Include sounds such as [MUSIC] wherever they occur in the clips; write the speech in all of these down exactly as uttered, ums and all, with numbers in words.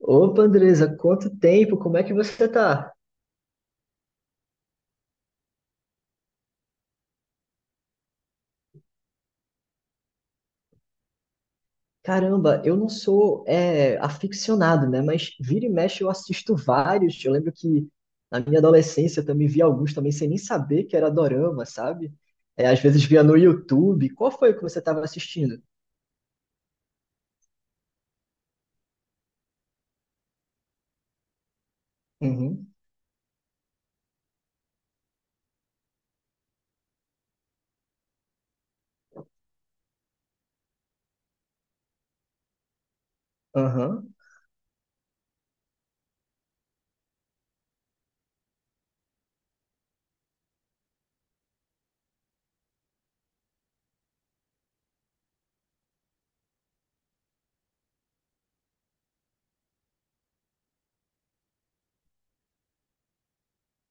Opa, Andresa, quanto tempo? Como é que você tá? Caramba, eu não sou é, aficionado, né? Mas vira e mexe eu assisto vários. Eu lembro que na minha adolescência eu também vi alguns também sem nem saber que era dorama, sabe? É, às vezes via no YouTube. Qual foi que você estava assistindo? Uhum, aham.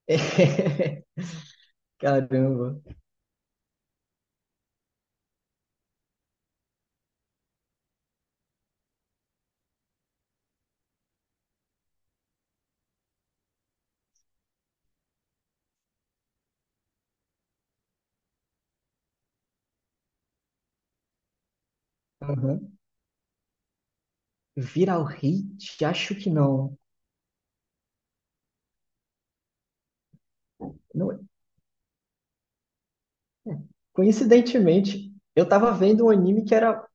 [LAUGHS] Caramba. Aham. Viral Hit? Acho que não. Não, é. Coincidentemente, eu tava vendo um anime que era.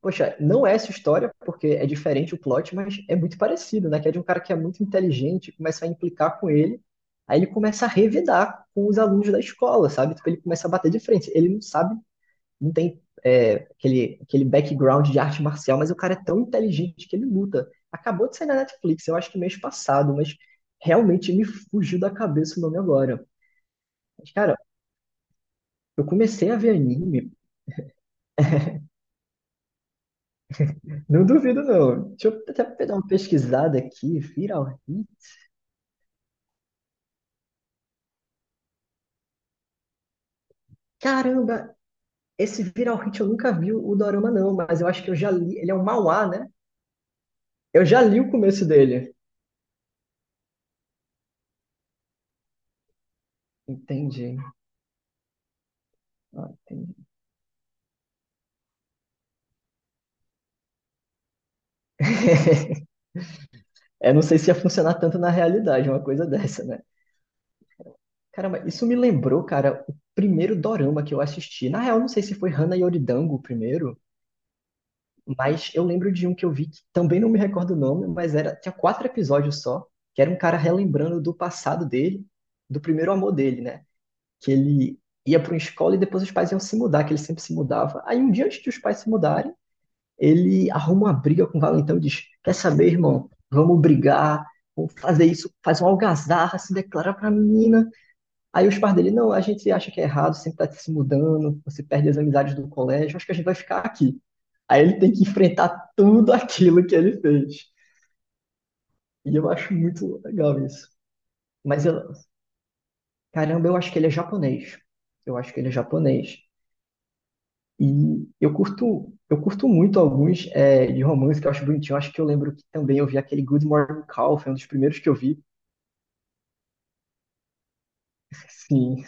Poxa, não é essa história, porque é diferente o plot, mas é muito parecido, né? Que é de um cara que é muito inteligente, começa a implicar com ele, aí ele começa a revidar com os alunos da escola, sabe? Tipo, ele começa a bater de frente. Ele não sabe, não tem é, aquele, aquele background de arte marcial, mas o cara é tão inteligente que ele luta. Acabou de sair na Netflix, eu acho que mês passado, mas realmente me fugiu da cabeça o nome agora. Mas, cara, eu comecei a ver anime, não duvido não. Deixa eu até dar uma pesquisada aqui, Viral Hit. Caramba, esse Viral Hit eu nunca vi o Dorama, não, mas eu acho que eu já li. Ele é um manhwa, né? Eu já li o começo dele. Entendi. Ah, entendi. [LAUGHS] É, não sei se ia funcionar tanto na realidade, uma coisa dessa, né? Caramba, isso me lembrou, cara, o primeiro dorama que eu assisti. Na real, não sei se foi Hana Yoridango o primeiro, mas eu lembro de um que eu vi que também não me recordo o nome, mas era, tinha quatro episódios só, que era um cara relembrando do passado dele, do primeiro amor dele, né? Que ele ia para uma escola e depois os pais iam se mudar, que ele sempre se mudava. Aí um dia antes de os pais se mudarem, ele arruma uma briga com o Valentão e diz: "Quer saber, irmão? Vamos brigar, vamos fazer isso", faz uma algazarra, se declara pra menina. Aí os pais dele: "Não, a gente acha que é errado, sempre tá se mudando, você perde as amizades do colégio, acho que a gente vai ficar aqui." Aí ele tem que enfrentar tudo aquilo que ele fez. E eu acho muito legal isso. Mas eu, caramba, eu acho que ele é japonês. Eu acho que ele é japonês. E eu curto, eu curto muito alguns é, de romance que eu acho bonitinho. Eu acho que eu lembro que também eu vi aquele Good Morning Call, foi um dos primeiros que eu vi. [LAUGHS] Sim.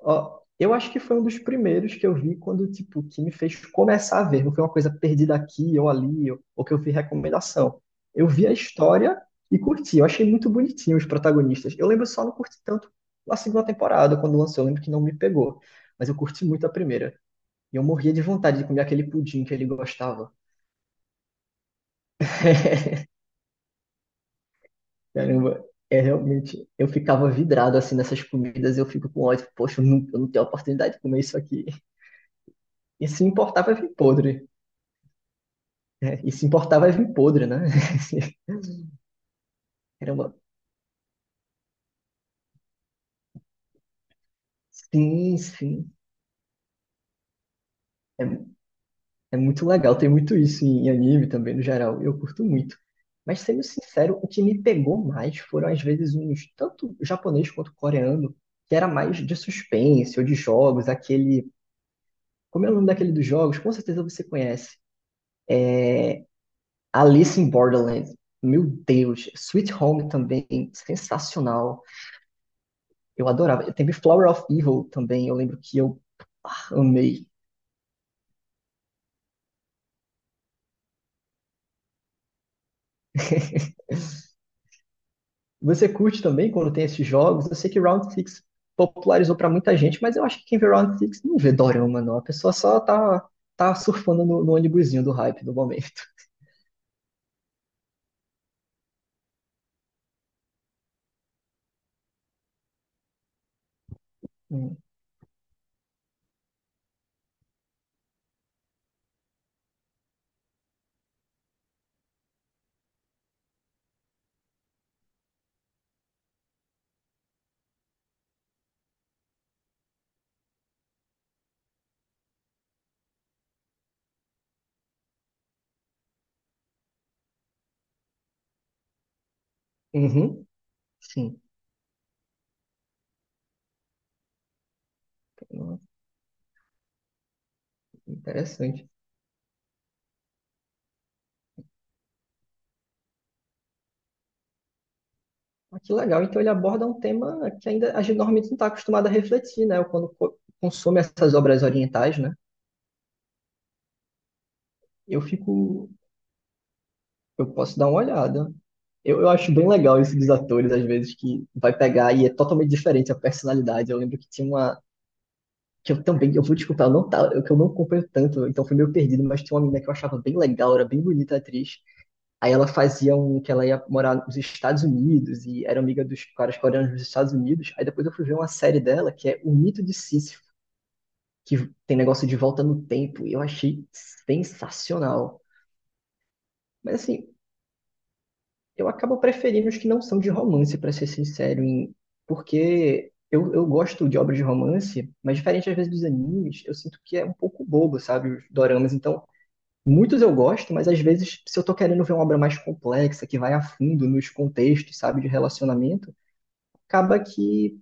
Ó, eu acho que foi um dos primeiros que eu vi quando, tipo, que me fez começar a ver. Não foi uma coisa perdida aqui ou ali, ou, ou que eu vi recomendação. Eu vi a história e curti. Eu achei muito bonitinho os protagonistas. Eu lembro só não curti tanto a segunda temporada, quando lançou. Eu lembro que não me pegou. Mas eu curti muito a primeira. E eu morria de vontade de comer aquele pudim que ele gostava. [LAUGHS] Caramba, é realmente. Eu ficava vidrado assim nessas comidas, eu fico com ódio. Poxa, eu não, eu não tenho oportunidade de comer isso aqui. E se importar, vai vir podre. Né? E se importar, vai vir podre, né? [LAUGHS] Caramba, sim, sim. É, é muito legal, tem muito isso em anime também, no geral. Eu curto muito. Mas sendo sincero, o que me pegou mais foram às vezes uns, tanto japonês quanto coreano, que era mais de suspense ou de jogos, aquele. Como é o nome daquele dos jogos? Com certeza você conhece. Alice in Borderland. Meu Deus. Sweet Home também, sensacional. Eu adorava. Teve Flower of Evil também, eu lembro que eu amei. [LAUGHS] Você curte também quando tem esses jogos? Eu sei que Round Six popularizou pra muita gente, mas eu acho que quem vê Round Six não vê Dorama, não. A pessoa só tá, tá surfando no, no ônibusinho do hype do momento. [LAUGHS] Hum. Uhum. Sim. Nossa, interessante. Ah, que legal. Então ele aborda um tema que ainda a gente normalmente não está acostumado a refletir, né? Quando co- consome essas obras orientais, né? Eu fico, eu posso dar uma olhada. Eu, eu acho bem legal isso dos atores, às vezes, que vai pegar e é totalmente diferente a personalidade. Eu lembro que tinha uma. Que eu também, eu vou desculpar, eu não tá, eu, que eu não acompanho tanto, então fui meio perdido, mas tinha uma menina que eu achava bem legal, era bem bonita a atriz. Aí ela fazia um que ela ia morar nos Estados Unidos e era amiga dos caras coreanos nos Estados Unidos. Aí depois eu fui ver uma série dela que é O Mito de Sísifo, que tem negócio de volta no tempo, e eu achei sensacional. Mas assim, eu acabo preferindo os que não são de romance, pra ser sincero, em- porque eu, eu gosto de obras de romance, mas diferente às vezes dos animes, eu sinto que é um pouco bobo, sabe, os doramas. Então, muitos eu gosto, mas às vezes, se eu tô querendo ver uma obra mais complexa, que vai a fundo nos contextos, sabe, de relacionamento, acaba que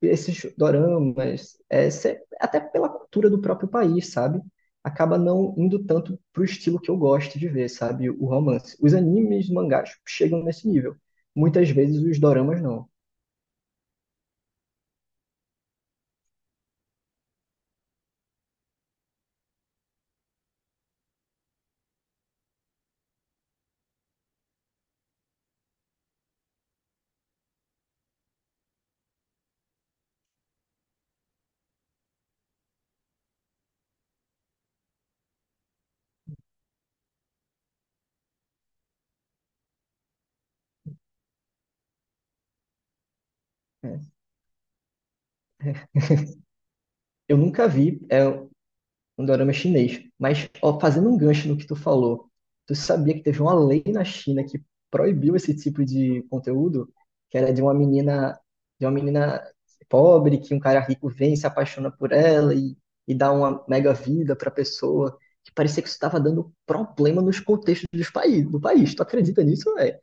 esses doramas, é, se- até pela cultura do próprio país, sabe? Acaba não indo tanto pro estilo que eu gosto de ver, sabe? O romance. Os animes, mangás chegam nesse nível. Muitas vezes os doramas não. Né? Eu nunca vi, é, um dorama chinês. Mas, ó, fazendo um gancho no que tu falou, tu sabia que teve uma lei na China que proibiu esse tipo de conteúdo, que era de uma menina, de uma menina, pobre, que um cara rico vem e se apaixona por ela e, e dá uma mega vida pra pessoa, que parecia que isso estava dando problema nos contextos dos paí- do país. Tu acredita nisso, velho?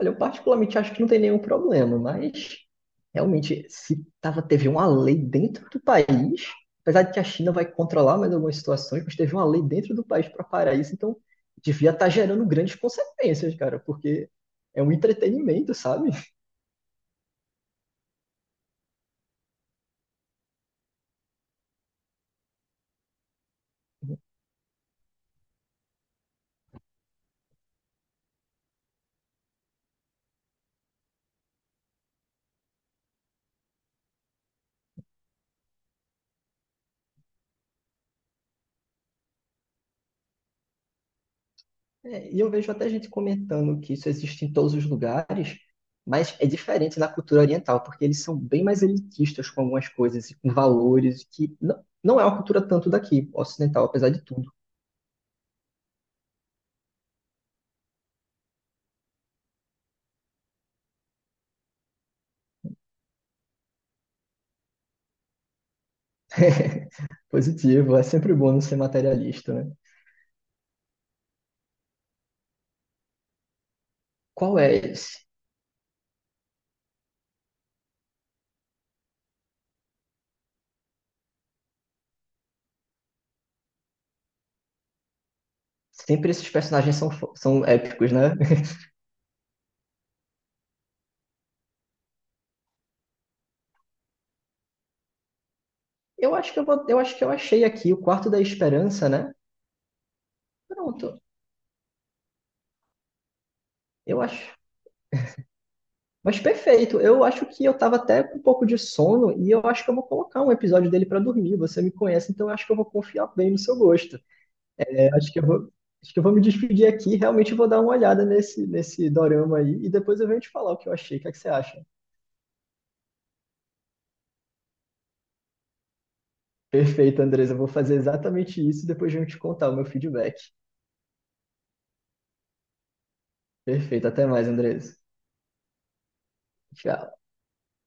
Olha, eu particularmente acho que não tem nenhum problema, mas realmente, se tava, teve uma lei dentro do país, apesar de que a China vai controlar mais algumas situações, mas teve uma lei dentro do país para parar isso, então devia estar gerando grandes consequências, cara, porque é um entretenimento, sabe? É, e eu vejo até gente comentando que isso existe em todos os lugares, mas é diferente na cultura oriental, porque eles são bem mais elitistas com algumas coisas e com valores que não, não é uma cultura tanto daqui, ocidental, apesar de tudo. [LAUGHS] Positivo, é sempre bom não ser materialista, né? Qual é esse? Sempre esses personagens são, fo- são épicos, né? [LAUGHS] Eu acho que eu vou, eu acho que eu achei aqui o Quarto da Esperança, né? Pronto, eu acho. Mas perfeito, eu acho que eu tava até com um pouco de sono e eu acho que eu vou colocar um episódio dele pra dormir. Você me conhece, então eu acho que eu vou confiar bem no seu gosto. É, acho que eu vou, acho que eu vou me despedir aqui, realmente vou dar uma olhada nesse, nesse dorama aí e depois eu venho te falar o que eu achei. O que é que você acha? Perfeito, Andresa. Eu vou fazer exatamente isso e depois de eu te contar o meu feedback. Perfeito. Até mais, Andresa. Tchau.